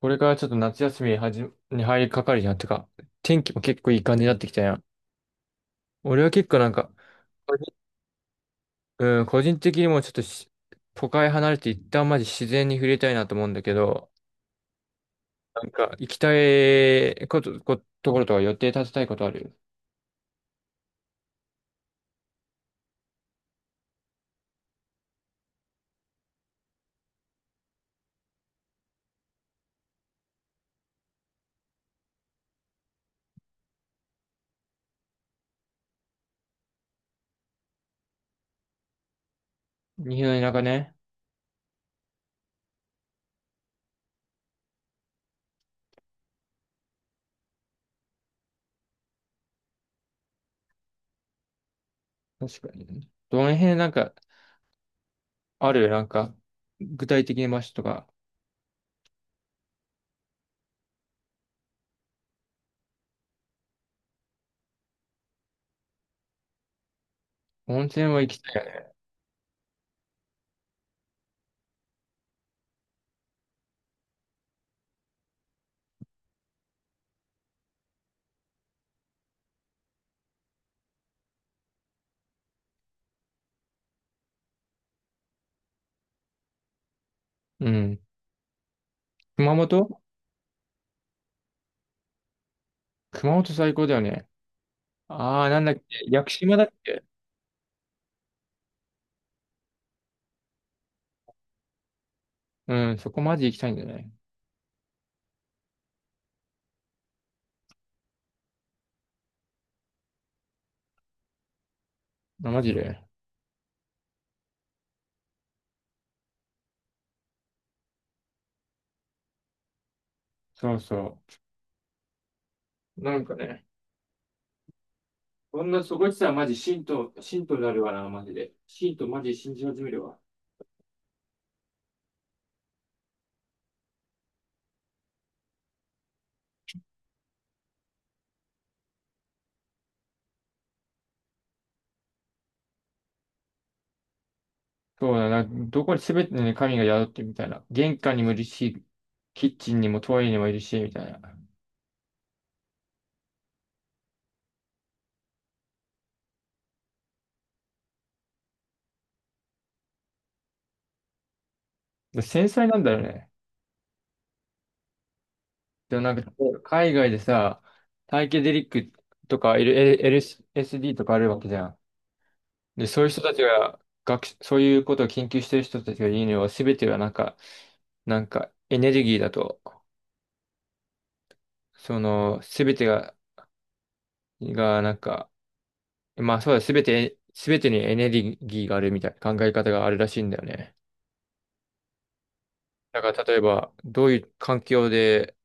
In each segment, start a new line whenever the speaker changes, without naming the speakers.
これからちょっと夏休みにはじに入りかかるじゃん。てか、天気も結構いい感じになってきたやん。俺は結構なんか、個人うん、個人的にもちょっとし都会離れて一旦マジ自然に触れたいなと思うんだけど、なんか行きたいこと、こ、ところとか予定立てたいことある？日本の田舎ね。確かにね。どの辺なんか、あるなんか、具体的な場所とか？温泉は行きたいよね。うん。熊本。熊本最高だよね。ああ、なんだっけ、屋久島だっけ？うん、そこマジ行きたいんだよね。あ、マジで。そうそう。なんかね、こんなそこ行ってたらマジ信徒になるわな、マジで。信徒マジ信じ始めるわ。そうだな、どこに全てね、神が宿ってるみたいな。玄関にもいるし、キッチンにもトイレにもいるし、みたいな。で、繊細なんだよね。でもなんか、海外でさ、サイケデリックとか、LSD とかあるわけじゃん。で、そういう人たちが、そういうことを研究してる人たちが言うには、全てはなんか、なんか、エネルギーだと、その、すべてが、が、なんか、まあそうだ、すべて、すべてにエネルギーがあるみたいな考え方があるらしいんだよね。だから、例えば、どういう環境で、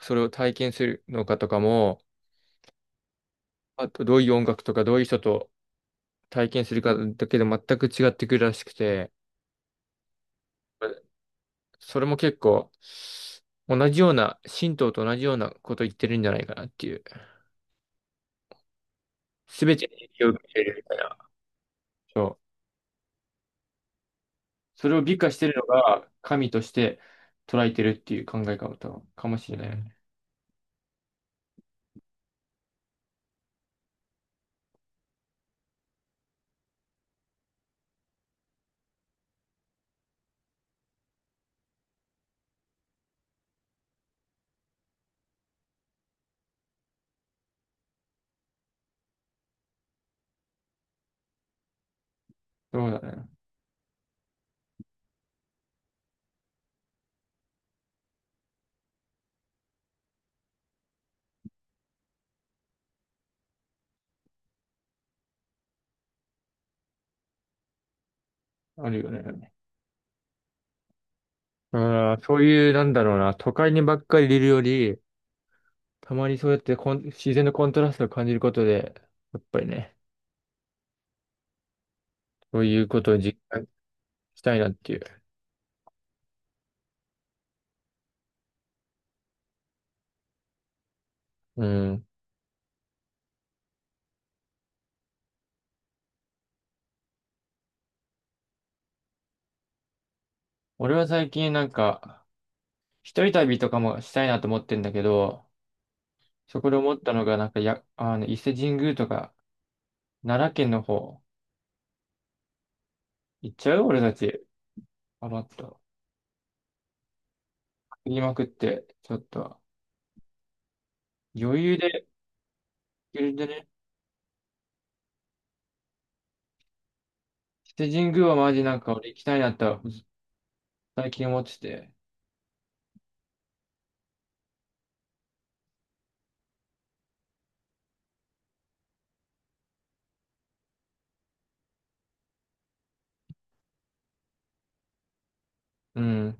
それを体験するのかとかも、あと、どういう音楽とか、どういう人と体験するかだけで全く違ってくるらしくて、それも結構、同じような、神道と同じようなこと言ってるんじゃないかなっていう。すべてに影響を受けるみたいな。そう、それを美化してるのが神として捉えてるっていう考え方かもしれないよね。そうだね。あるよね。ああ、そういう、なんだろうな、都会にばっかりいるより、たまにそうやって自然のコントラストを感じることで、やっぱりね、そういうことを実感したいなっていう。うん。俺は最近なんか、一人旅とかもしたいなと思ってんだけど、そこで思ったのが、なんかや、あの、伊勢神宮とか、奈良県の方、行っちゃう俺たち。余った。言いまくって、ちょっと、余裕で、余裕でね、伊勢神宮はマジなんか俺行きたいなとは最近思ってて、うん、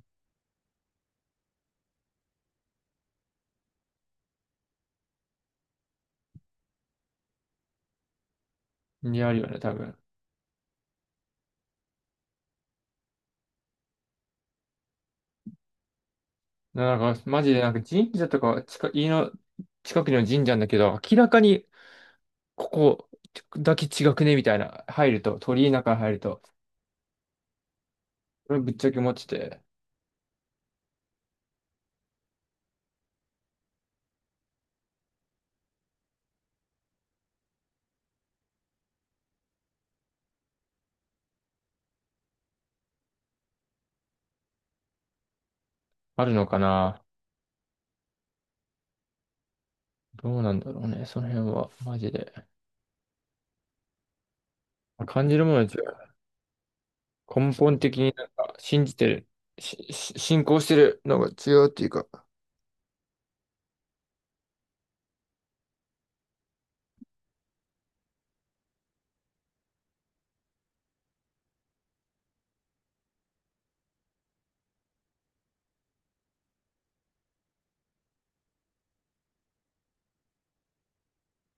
にあるよね、多分。なんか、マジでなんか神社とか、家の近くの神社なんだけど、明らかにここだけ違くね、みたいな、入ると、鳥居の中入ると、これぶっちゃけ思ってて、あるのかな？どうなんだろうね、その辺は、マジで。感じるものは違う。根本的になんか、信仰してるのが違うっていうか、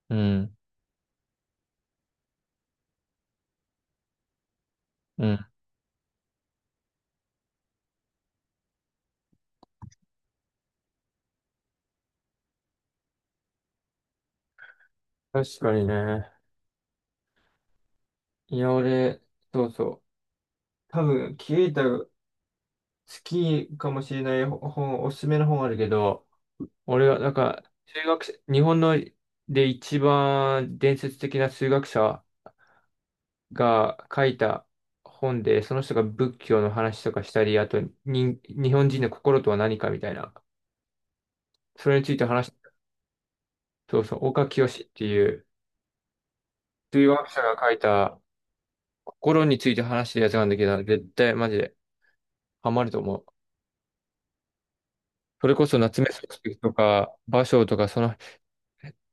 うん。うん。確かにね。いや、俺、そうそう。多分、キエタ好きかもしれない本、おすすめの本あるけど、俺が、なんか、数学者、日本ので一番伝説的な数学者が書いた本で、その人が仏教の話とかしたり、あと、日本人の心とは何かみたいな、それについて話し、そうそう、岡清っていう数学者が書いた心について話してるやつなんだけど、絶対マジでハマると思う。それこそ夏目漱石とか、芭蕉とか、その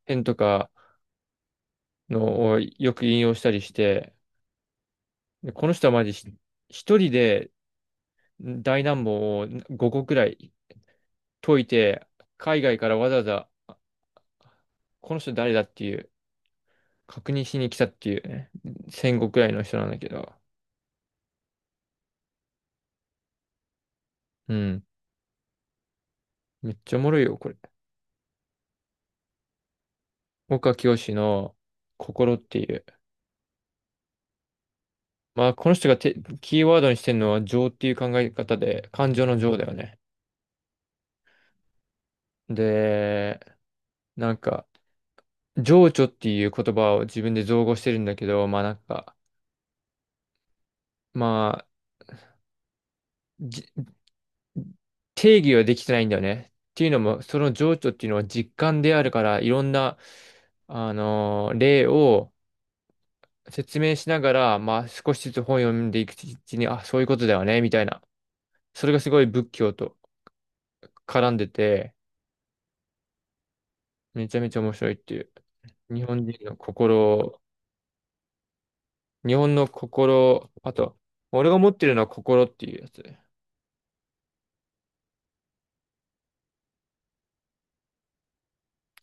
辺とかのをよく引用したりして、で、この人はマジ一人で大難問を5個くらい解いて、海外からわざわざ、この人誰だっていう、確認しに来たっていうね、戦後くらいの人なんだけど、うん、めっちゃおもろいよ、これ。岡清の心っていう。まあ、この人がキーワードにしてるのは情っていう考え方で、感情の情だよね。で、なんか、情緒っていう言葉を自分で造語してるんだけど、まあなんか、まあ、じ定義はできてないんだよね。っていうのも、その情緒っていうのは実感であるから、いろんな、例を説明しながら、まあ少しずつ本を読んでいくうちに、あ、そういうことだよね、みたいな。それがすごい仏教と絡んでて、めちゃめちゃ面白いっていう。日本人の心を、日本の心、あと、俺が持ってるのは心っていうやつ。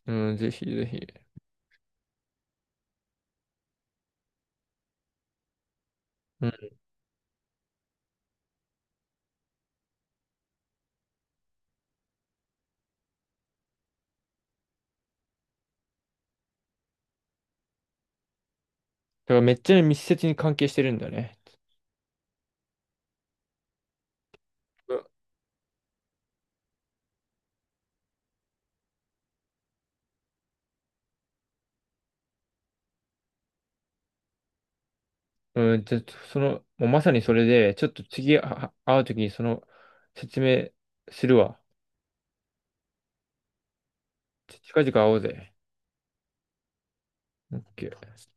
うん、ぜひぜひ。うん、だからめっちゃ密接に関係してるんだよね。うん、ちょっとその、もうまさにそれで、ちょっと次会うときにその説明するわ。近々会おうぜ。オッケー